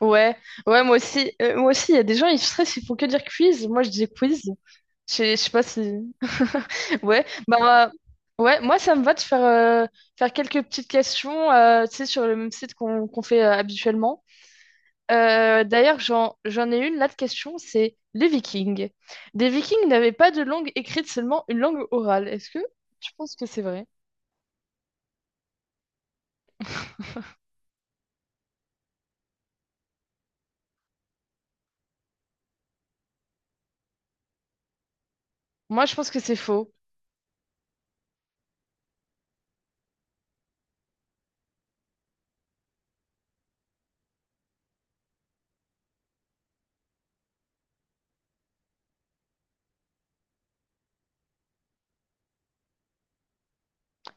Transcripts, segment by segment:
Ouais, ouais, moi aussi. Moi aussi, il y a des gens, ils stressent, ils font que dire quiz. Moi, je dis quiz. Je sais pas si. Ouais, bah, ouais, moi, ça me va de faire, faire quelques petites questions, tu sais, sur le même site qu'on fait habituellement. D'ailleurs, j'en ai une là de question, c'est les Vikings. Les Vikings n'avaient pas de langue écrite, seulement une langue orale. Est-ce que tu penses que c'est vrai? Moi, je pense que c'est faux.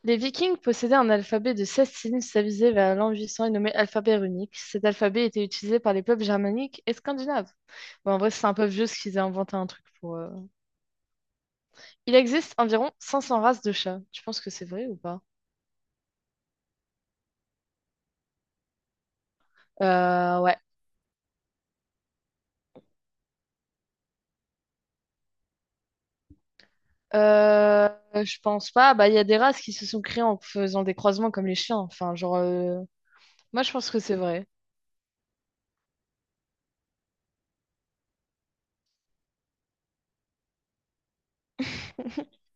Les Vikings possédaient un alphabet de 16 signes stabilisé vers l'an 800 et nommé alphabet runique. Cet alphabet était utilisé par les peuples germaniques et scandinaves. Bon, en vrai, c'est un peu vieux ce qu'ils aient inventé un truc pour. Il existe environ 500 races de chats. Tu penses que c'est vrai ou pas? Ouais. Euh, je pense pas. Bah, il y a des races qui se sont créées en faisant des croisements comme les chiens. Enfin, genre. Moi, je pense que c'est vrai.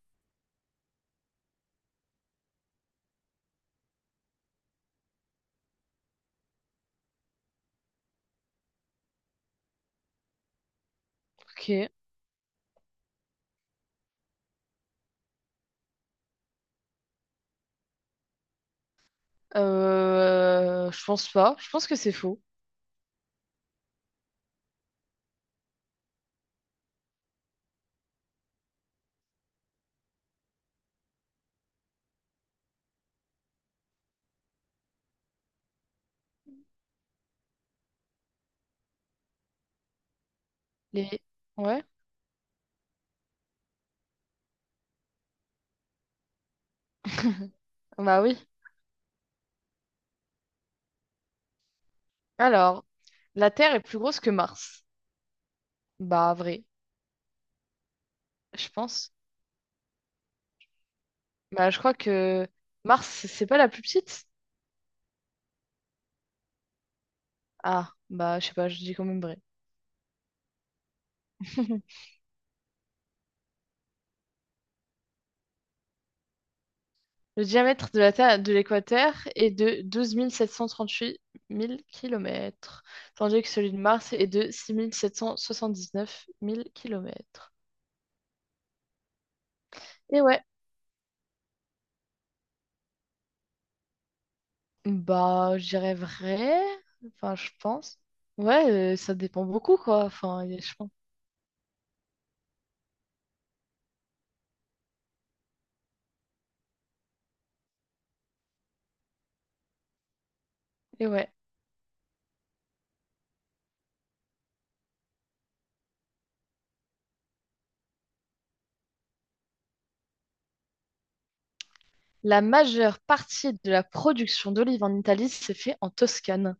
Ok. Je pense pas. Je pense que c'est faux. Les... Ouais. Bah oui. Alors, la Terre est plus grosse que Mars. Bah, vrai, je pense. Bah, je crois que Mars, c'est pas la plus petite? Ah, bah, je sais pas, je dis quand même vrai. Le diamètre de la Terre de l'équateur est de 12 738 mille kilomètres, tandis que celui de Mars est de 6 779 mille kilomètres. Et ouais, bah, je dirais vrai. Enfin, je pense. Ouais, ça dépend beaucoup, quoi. Enfin, je pense. Et ouais. La majeure partie de la production d'olives en Italie s'est fait en Toscane.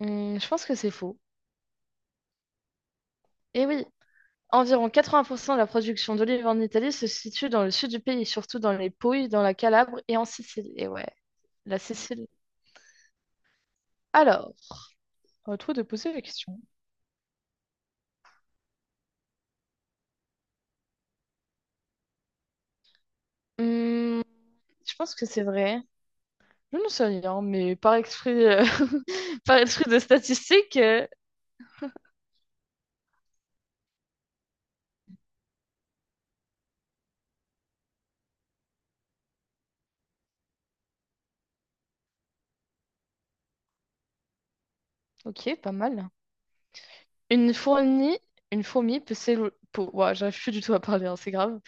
Je pense que c'est faux. Eh oui, environ 80% de la production d'olives en Italie se situe dans le sud du pays, surtout dans les Pouilles, dans la Calabre et en Sicile. Et ouais, la Sicile. Alors, à toi de poser la question. Hmm, je pense que c'est vrai. Je ne sais rien, mais par esprit de statistique, ok, pas mal. Une fourmi, une fourmi peut s'éloigner. Ouah, j'arrive plus du tout à parler, hein, c'est grave.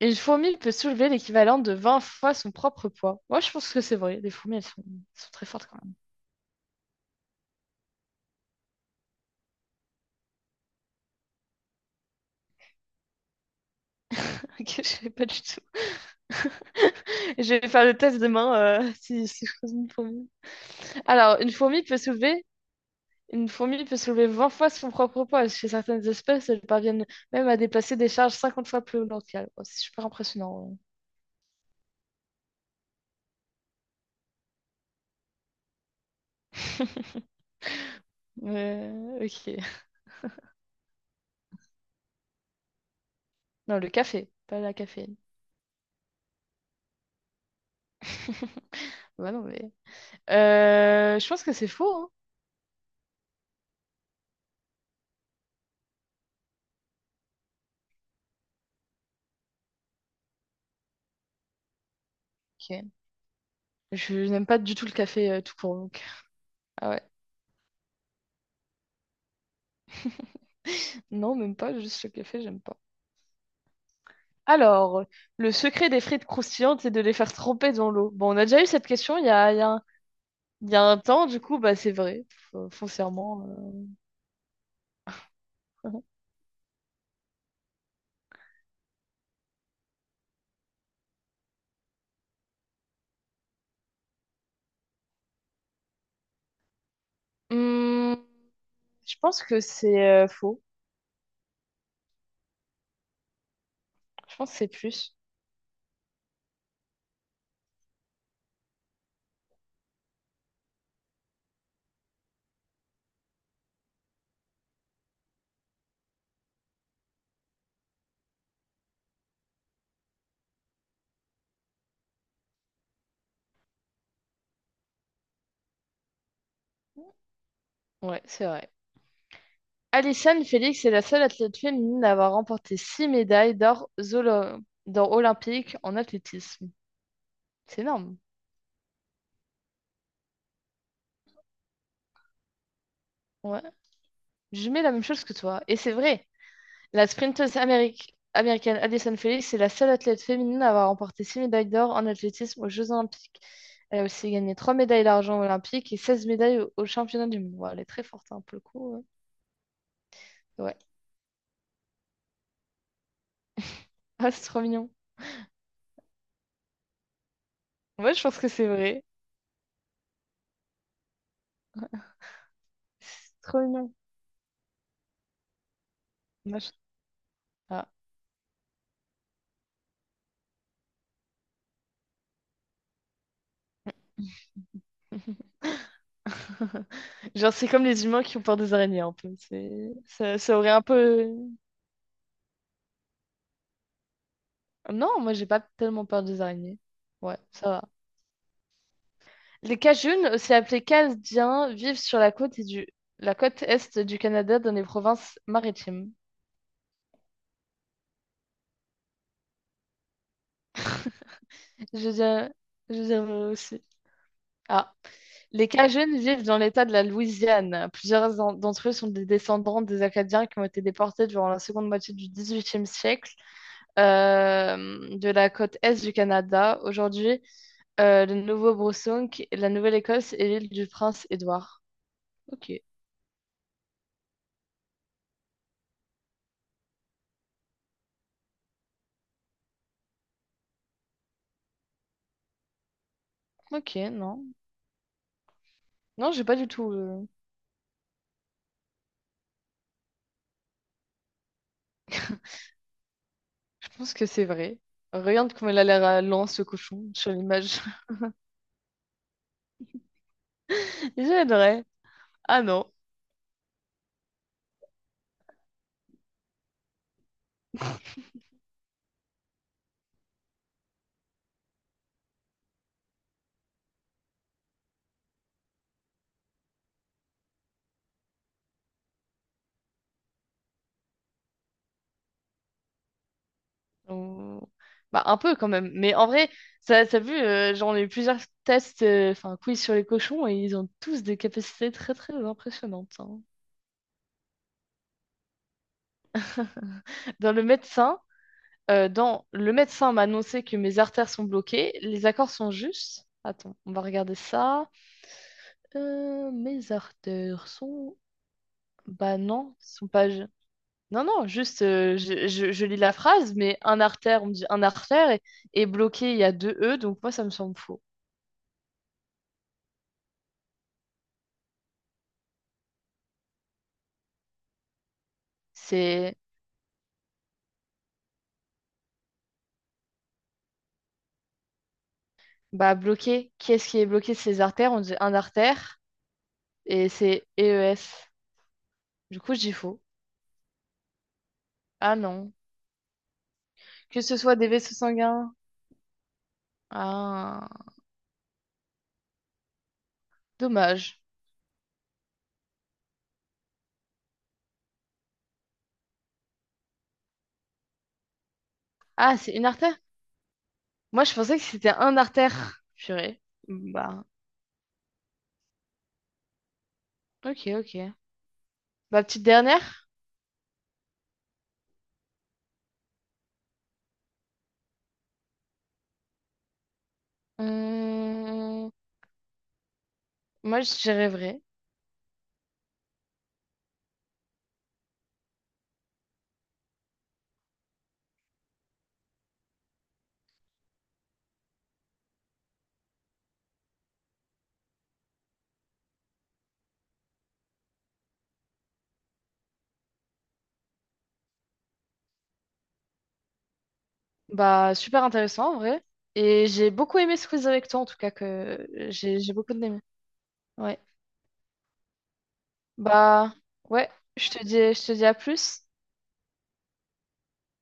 Une fourmi peut soulever l'équivalent de 20 fois son propre poids. Moi, je pense que c'est vrai. Les fourmis, elles sont très fortes quand même. Ok, je sais pas du tout. Je vais faire le test demain si je pose une fourmi. Alors, une fourmi peut soulever 20 fois son propre poids. Chez certaines espèces, elles parviennent même à déplacer des charges 50 fois plus lourdes qu'elles. Oh, c'est super impressionnant. Ouais. Ouais, ok. Non, le café, pas la caféine. Ouais, non, mais... Je pense que c'est faux, hein. Ok. Je n'aime pas du tout le café tout court. Donc. Ah ouais. Non, même pas, juste le café, j'aime pas. Alors, le secret des frites croustillantes, c'est de les faire tremper dans l'eau. Bon, on a déjà eu cette question il y a un temps, du coup, bah, c'est vrai, foncièrement. euh. Hum, je pense que c'est faux. Je pense que c'est plus. Ouais, c'est vrai. Alison Félix est la seule athlète féminine à avoir remporté six médailles d'or olympique en athlétisme. C'est énorme. Ouais. Je mets la même chose que toi. Et c'est vrai. La sprinteuse américaine Addison Felix est la seule athlète féminine à avoir remporté 6 médailles d'or en athlétisme aux Jeux Olympiques. Elle a aussi gagné 3 médailles d'argent olympiques et 16 médailles aux championnats du monde. Ouah, elle est très forte hein, pour le coup. Ouais. Ouais. Ah, c'est trop mignon. Ouais, je pense que c'est vrai. C'est trop mignon. Moi, je- Ah. Genre, c'est comme les humains qui ont peur des araignées un peu. C'est... Ça aurait un peu... Non, moi, j'ai pas tellement peur des araignées. Ouais, ça va. Les Cajuns, aussi appelés Canadiens, vivent sur la côte, la côte est du Canada dans les provinces maritimes. Je dirais, je dirais aussi. Ah. Les Cajuns vivent dans l'État de la Louisiane. Plusieurs d'entre eux sont des descendants des Acadiens qui ont été déportés durant la seconde moitié du XVIIIe siècle de la côte est du Canada. Aujourd'hui, le Nouveau-Brunswick, la Nouvelle-Écosse et l'île du Prince-Édouard. Ok, ok, non. Non, j'ai pas du tout. Je pense que c'est vrai. Regarde comment il a l'air lent, ce cochon, sur l'image. J'aimerais. Ah non. On- Bah, un peu quand même. Mais en vrai, ça a vu, j'en ai eu plusieurs tests, enfin, quiz sur les cochons, et ils ont tous des capacités très, très impressionnantes. Hein. Dans le médecin, dans le médecin m'a annoncé que mes artères sont bloquées, les accords sont justes. Attends, on va regarder ça. Mes artères sont... Bah non, ils sont pas... Non, non, juste, je lis la phrase, mais un artère, on me dit un artère, et bloqué, il y a deux E, donc moi, ça me semble faux. C'est, bah, bloqué, qui est-ce qui est bloqué c'est les artères? On dit un artère, et c'est e e s. Du coup, je dis faux. Ah non. Que ce soit des vaisseaux sanguins. Ah, dommage. Ah, c'est une artère? Moi, je pensais que c'était un artère. Purée. Bah, ok, ok. Ma petite dernière? Hum, Moi, je dirais vrai. Bah, super intéressant en vrai. Et j'ai beaucoup aimé ce quiz avec toi, en tout cas, que j'ai beaucoup aimé. Ouais. Bah, ouais, je te dis à plus.